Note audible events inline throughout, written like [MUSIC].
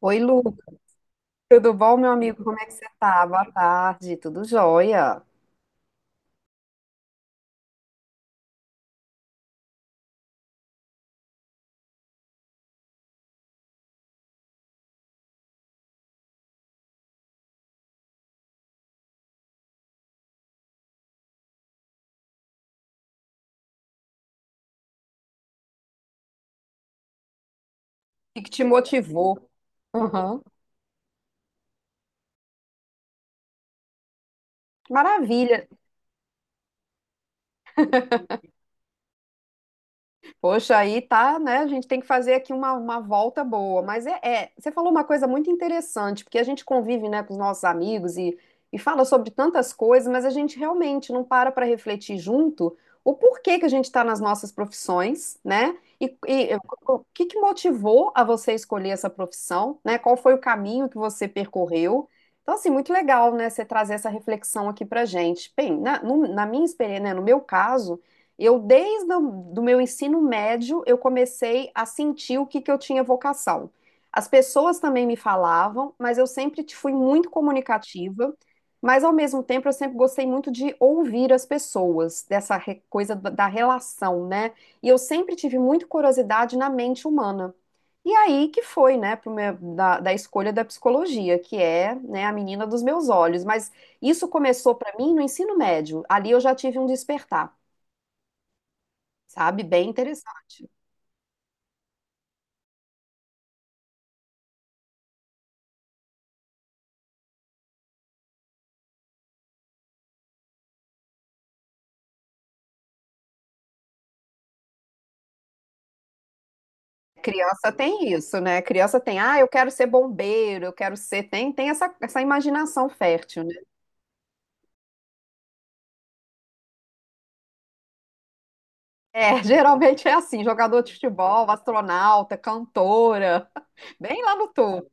Oi, Lucas. Tudo bom, meu amigo? Como é que você tá? Boa tarde. Tudo jóia? O que que te motivou? Uhum. Maravilha. Poxa, aí tá, né? A gente tem que fazer aqui uma volta boa. Mas você falou uma coisa muito interessante, porque a gente convive, né, com os nossos amigos e fala sobre tantas coisas, mas a gente realmente não para para refletir junto o porquê que a gente está nas nossas profissões, né? E o que que motivou a você escolher essa profissão, né? Qual foi o caminho que você percorreu? Então, assim, muito legal, né, você trazer essa reflexão aqui pra gente. Bem, na minha experiência, né, no meu caso. Eu, desde o do meu ensino médio, eu comecei a sentir que eu tinha vocação. As pessoas também me falavam, mas eu sempre fui muito comunicativa, mas ao mesmo tempo eu sempre gostei muito de ouvir as pessoas, dessa coisa da relação, né? E eu sempre tive muito curiosidade na mente humana. E aí que foi, né, da escolha da psicologia, que é, né, a menina dos meus olhos. Mas isso começou para mim no ensino médio. Ali eu já tive um despertar. Sabe? Bem interessante. Criança tem isso, né? Criança tem, ah, eu quero ser bombeiro, eu quero ser. Tem essa, essa imaginação fértil, né? É, [LAUGHS] geralmente é assim: jogador de futebol, astronauta, cantora, [LAUGHS] bem lá no topo.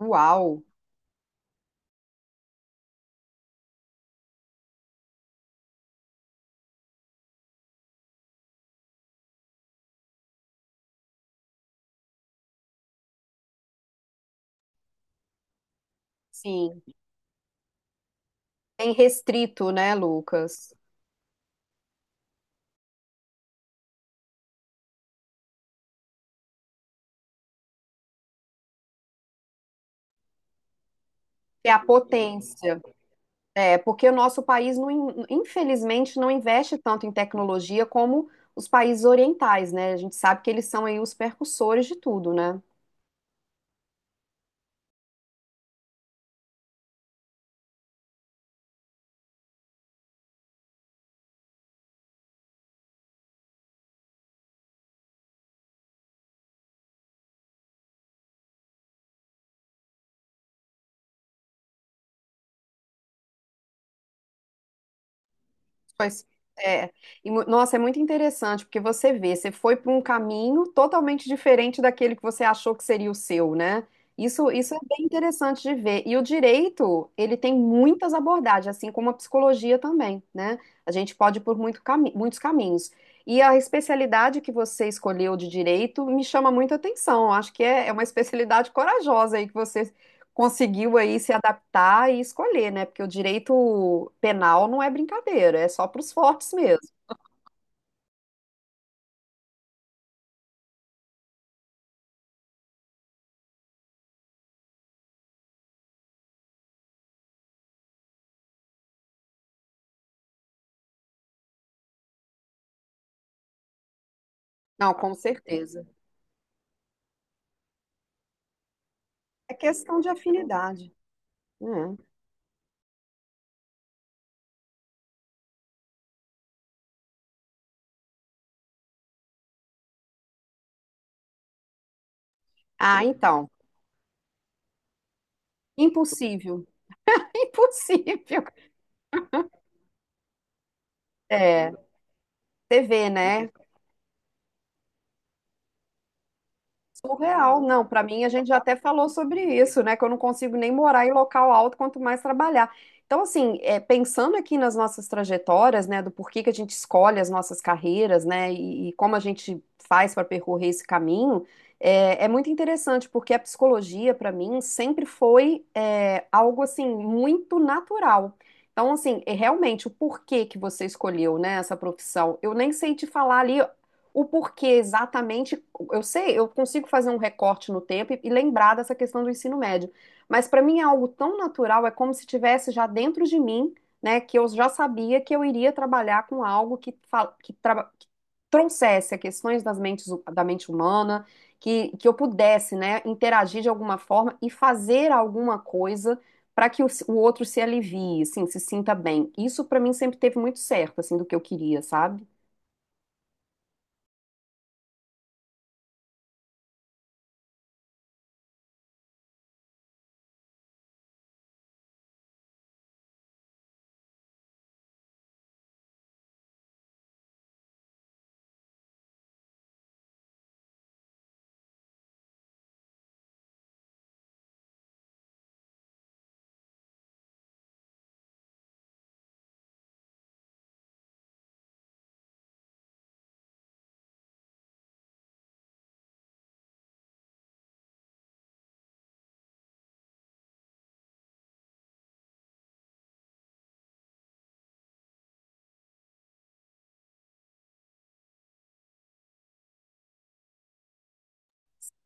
Uau! Sim, tem restrito, né, Lucas? É a potência. É, porque o nosso país, não, infelizmente, não investe tanto em tecnologia como os países orientais, né? A gente sabe que eles são aí os percussores de tudo, né? Pois é. E, nossa, é muito interessante, porque você vê, você foi para um caminho totalmente diferente daquele que você achou que seria o seu, né? Isso é bem interessante de ver. E o direito, ele tem muitas abordagens, assim como a psicologia também, né? A gente pode ir por muitos caminhos. E a especialidade que você escolheu de direito me chama muita atenção. Acho que é uma especialidade corajosa aí que você conseguiu aí se adaptar e escolher, né? Porque o direito penal não é brincadeira, é só para os fortes mesmo. Não, com certeza. É questão de afinidade. Né? Ah, então. Impossível. [LAUGHS] Impossível. É, você vê, né? Surreal, não. Para mim, a gente já até falou sobre isso, né? Que eu não consigo nem morar em local alto, quanto mais trabalhar. Então, assim, é, pensando aqui nas nossas trajetórias, né? Do porquê que a gente escolhe as nossas carreiras, né? E como a gente faz para percorrer esse caminho, é, é muito interessante, porque a psicologia, para mim, sempre foi é, algo, assim, muito natural. Então, assim, é realmente, o porquê que você escolheu, né? Essa profissão, eu nem sei te falar ali o porquê exatamente eu sei, eu consigo fazer um recorte no tempo e lembrar dessa questão do ensino médio. Mas para mim é algo tão natural, é como se tivesse já dentro de mim, né, que eu já sabia que eu iria trabalhar com algo que trouxesse as questões da mente humana, que eu pudesse, né, interagir de alguma forma e fazer alguma coisa para que o outro se alivie, assim, se sinta bem. Isso para mim sempre teve muito certo, assim, do que eu queria, sabe?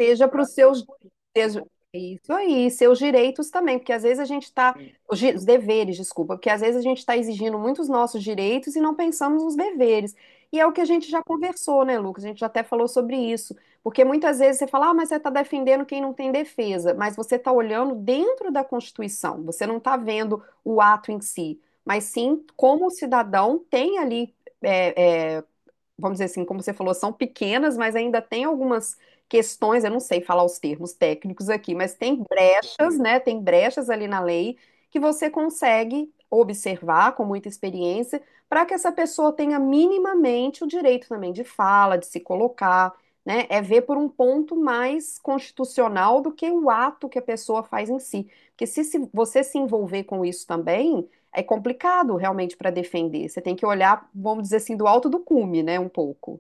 Seja para os seus, seja- é isso aí, seus direitos também, porque às vezes os deveres, desculpa, porque às vezes a gente está exigindo muitos nossos direitos e não pensamos nos deveres. E é o que a gente já conversou, né, Lucas? A gente já até falou sobre isso. Porque muitas vezes você fala, ah, mas você está defendendo quem não tem defesa, mas você está olhando dentro da Constituição, você não está vendo o ato em si, mas sim como o cidadão tem ali. É, é, vamos dizer assim, como você falou, são pequenas, mas ainda tem algumas questões, eu não sei falar os termos técnicos aqui, mas tem brechas, né? Tem brechas ali na lei que você consegue observar com muita experiência para que essa pessoa tenha minimamente o direito também de fala, de se colocar, né? É ver por um ponto mais constitucional do que o ato que a pessoa faz em si. Porque se você se envolver com isso também é complicado realmente para defender. Você tem que olhar, vamos dizer assim, do alto do cume, né, um pouco.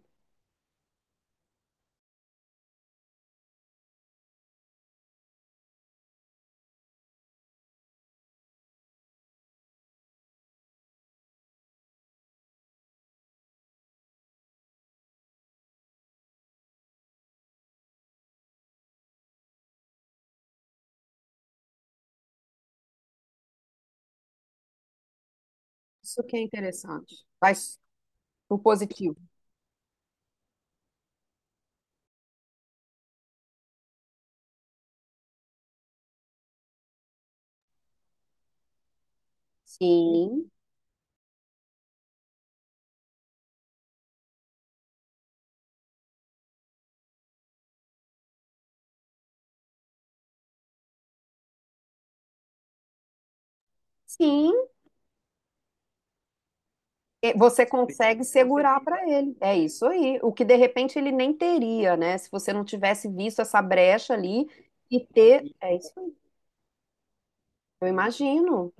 Isso que é interessante. Mas o positivo. Sim, sim. E você consegue segurar para ele. É isso aí. O que de repente ele nem teria, né? Se você não tivesse visto essa brecha ali e ter. É isso aí. Eu imagino.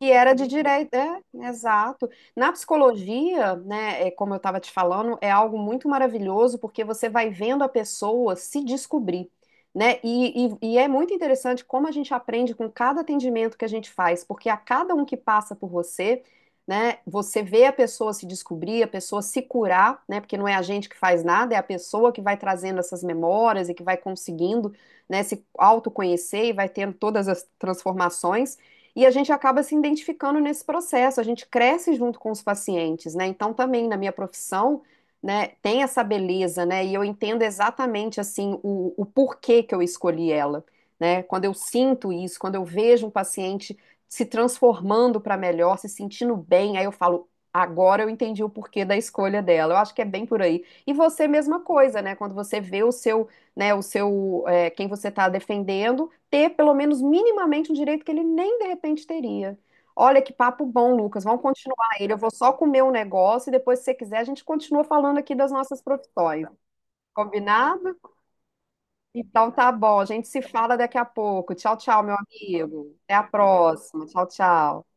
Que era de direito, é, exato. Na psicologia, né, é, como eu estava te falando, é algo muito maravilhoso porque você vai vendo a pessoa se descobrir, né? E é muito interessante como a gente aprende com cada atendimento que a gente faz, porque a cada um que passa por você, né, você vê a pessoa se descobrir, a pessoa se curar, né? Porque não é a gente que faz nada, é a pessoa que vai trazendo essas memórias e que vai conseguindo, né, se autoconhecer e vai tendo todas as transformações. E a gente acaba se identificando nesse processo, a gente cresce junto com os pacientes, né? Então, também na minha profissão, né, tem essa beleza, né? E eu entendo exatamente, assim, o porquê que eu escolhi ela, né? Quando eu sinto isso, quando eu vejo um paciente se transformando para melhor, se sentindo bem, aí eu falo, agora eu entendi o porquê da escolha dela. Eu acho que é bem por aí. E você, mesma coisa, né? Quando você vê o seu, é, quem você está defendendo ter pelo menos minimamente um direito que ele nem de repente teria. Olha que papo bom, Lucas. Vamos continuar ele. Eu vou só comer um negócio e depois, se você quiser, a gente continua falando aqui das nossas profissões. Combinado? Então tá bom. A gente se fala daqui a pouco. Tchau, tchau, meu amigo. Até a próxima. Tchau, tchau.